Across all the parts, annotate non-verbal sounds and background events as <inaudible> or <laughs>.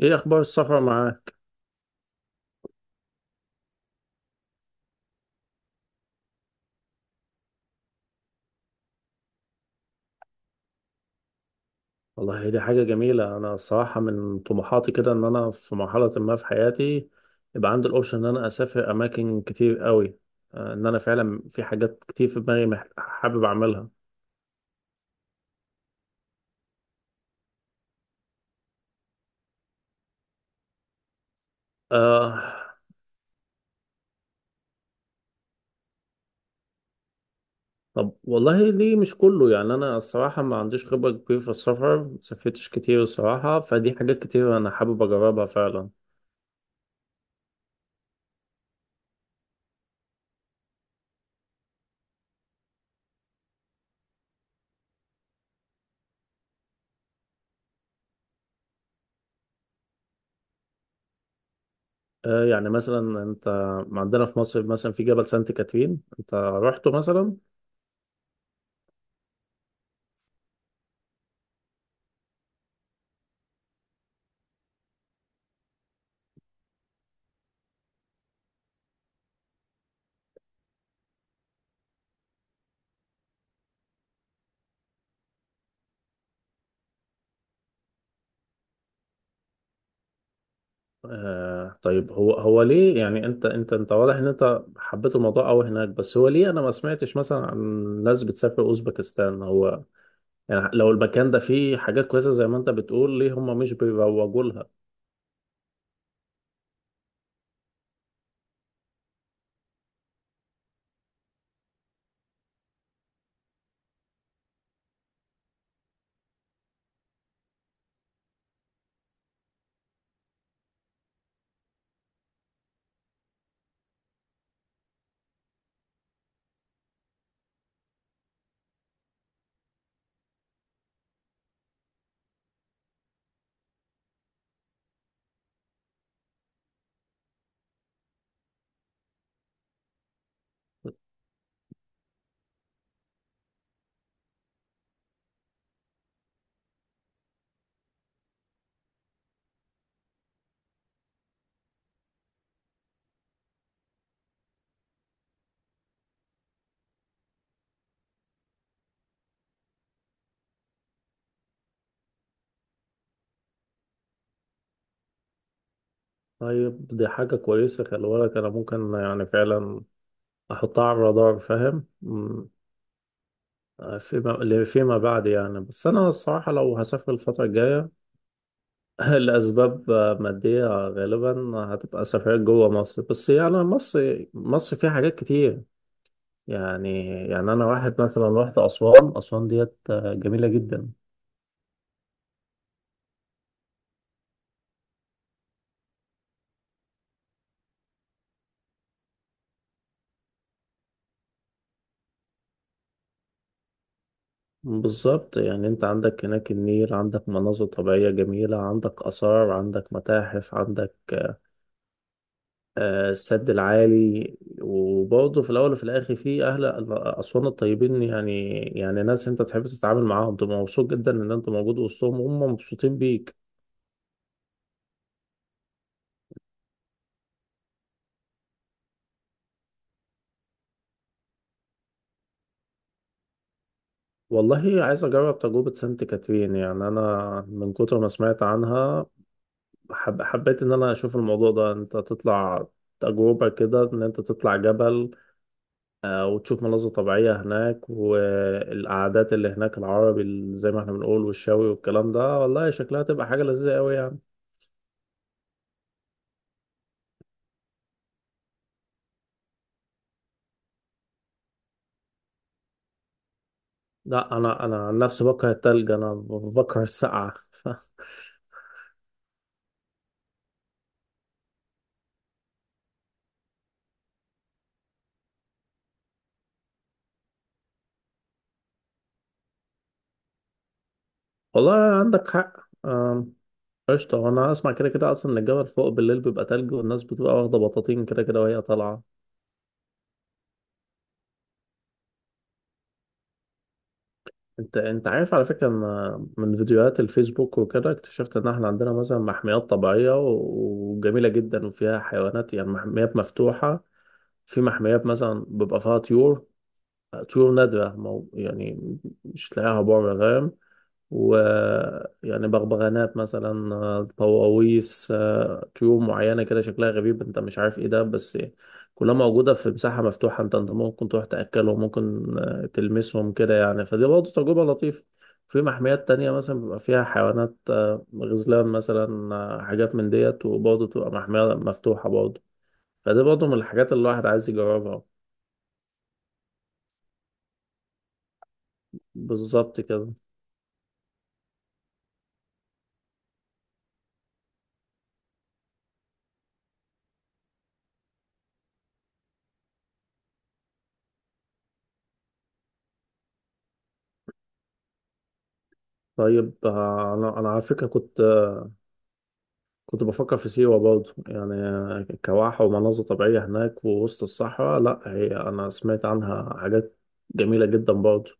ايه اخبار السفر معاك؟ والله هي دي حاجه جميله. انا الصراحه من طموحاتي كده ان انا في مرحله ما في حياتي يبقى عندي الاوبشن ان انا اسافر اماكن كتير قوي. آه، ان انا فعلا في حاجات كتير في دماغي حابب اعملها. آه، طب والله ليه مش كله؟ يعني انا الصراحه ما عنديش خبره كبيره في السفر، ما سافرتش كتير الصراحه، فدي حاجات كتير انا حابب اجربها فعلا. آه، يعني مثلا انت، عندنا في مصر مثلا في جبل سانت كاترين، انت رحته مثلا؟ آه طيب، هو هو ليه يعني؟ انت واضح ان انت حبيت الموضوع قوي هناك، بس هو ليه انا ما سمعتش مثلا عن ناس بتسافر اوزبكستان؟ هو يعني لو المكان ده فيه حاجات كويسة زي ما انت بتقول، ليه هم مش بيروجوا لها؟ طيب دي حاجة كويسة، خلي بالك انا ممكن يعني فعلا احطها على الرادار، فاهم؟ فيما بعد يعني. بس انا الصراحة لو هسافر الفترة الجاية <laughs> الأسباب مادية غالبا، هتبقى سفريات جوه مصر. بس يعني مصر فيها حاجات كتير يعني أنا واحد مثلا رحت أسوان. أسوان ديت جميلة جدا. بالظبط، يعني أنت عندك هناك النيل، عندك مناظر طبيعية جميلة، عندك آثار، عندك متاحف، عندك السد العالي، وبرضه في الأول وفي الآخر في أهل أسوان الطيبين يعني. يعني ناس أنت تحب تتعامل معاهم، تبقى مبسوط جدا إن أنت موجود وسطهم وهم مبسوطين بيك. والله عايز اجرب تجربة سانت كاترين، يعني انا من كتر ما سمعت عنها حبيت ان انا اشوف الموضوع ده. انت تطلع تجربة كده، ان انت تطلع جبل، وتشوف مناظر طبيعية هناك، والقعدات اللي هناك العربي اللي زي ما احنا بنقول والشاوي والكلام ده. والله شكلها تبقى حاجة لذيذة قوي يعني. لا انا عن نفسي بكره التلج، انا بكره السقعة. <laughs> والله عندك حق. آم، قشطة. وأنا أسمع كده كده أصلا إن الجبل فوق بالليل بيبقى تلج، والناس بتبقى واخدة بطاطين كده كده وهي طالعة. أنت عارف على فكرة إن من فيديوهات الفيسبوك وكده اكتشفت إن إحنا عندنا مثلا محميات طبيعية وجميلة جدا وفيها حيوانات، يعني محميات مفتوحة. في محميات مثلا بيبقى فيها طيور، طيور نادرة، مو يعني مش تلاقيها بره، فاهم؟ ويعني بغبغانات مثلا، طواويس، طيور معينة كده شكلها غريب انت مش عارف ايه ده، بس كلها موجودة في مساحة مفتوحة. انت ممكن تروح تأكلهم، ممكن تلمسهم كده يعني. فدي برضه تجربة لطيفة. في محميات تانية مثلا بيبقى فيها حيوانات، غزلان مثلا، حاجات من ديت، وبرضه تبقى محمية مفتوحة برضه. فدي برضه من الحاجات اللي الواحد عايز يجربها. بالظبط كده. طيب انا على فكره كنت بفكر في سيوة برضه يعني، كواحة ومناظر طبيعية هناك ووسط الصحراء. لا هي أنا سمعت عنها حاجات جميلة جدا برضه.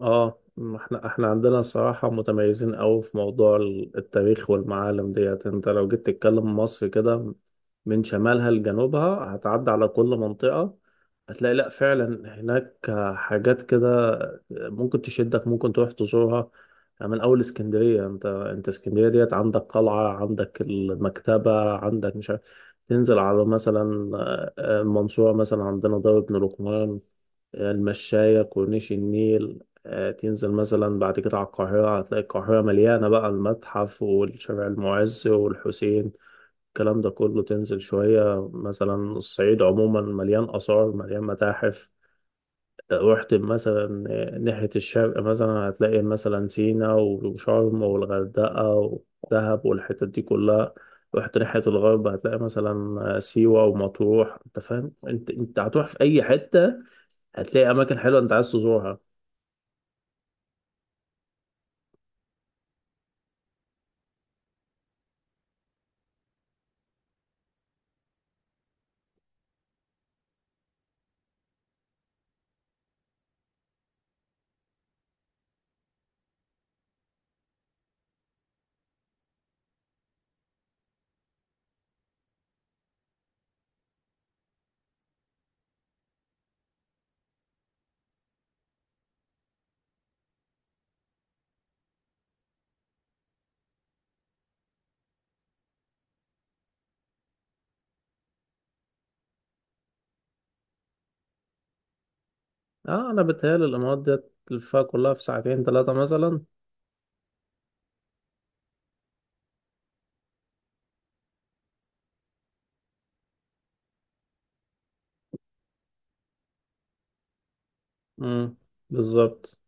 اه، ما احنا عندنا صراحة متميزين قوي في موضوع التاريخ والمعالم ديت. انت لو جيت تتكلم مصر كده من شمالها لجنوبها هتعدي على كل منطقة، هتلاقي لا فعلا هناك حاجات كده ممكن تشدك، ممكن تروح تزورها. يعني من اول اسكندرية، انت اسكندرية ديت عندك قلعة، عندك المكتبة، عندك مش عارف. تنزل على مثلا المنصورة مثلا عندنا دار ابن لقمان، المشاية كورنيش النيل. تنزل مثلا بعد كده على القاهرة هتلاقي القاهرة مليانة بقى المتحف والشارع المعز والحسين، الكلام ده كله. تنزل شوية مثلا الصعيد عموما مليان آثار مليان متاحف. رحت مثلا ناحية الشرق مثلا هتلاقي مثلا سينا وشرم والغردقة ودهب والحتت دي كلها. رحت ناحية الغرب هتلاقي مثلا سيوة ومطروح. انت فاهم، انت هتروح في اي حتة هتلاقي اماكن حلوة انت عايز تزورها. اه، انا بتهيألي الامارات ديت تلفها كلها في ساعتين ثلاثة مثلا. امم بالظبط.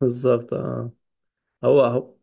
بالظبط، اه. هو اهو.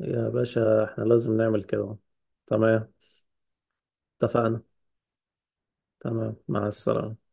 يا باشا احنا لازم نعمل كده. تمام. اتفقنا. تمام، مع السلامة.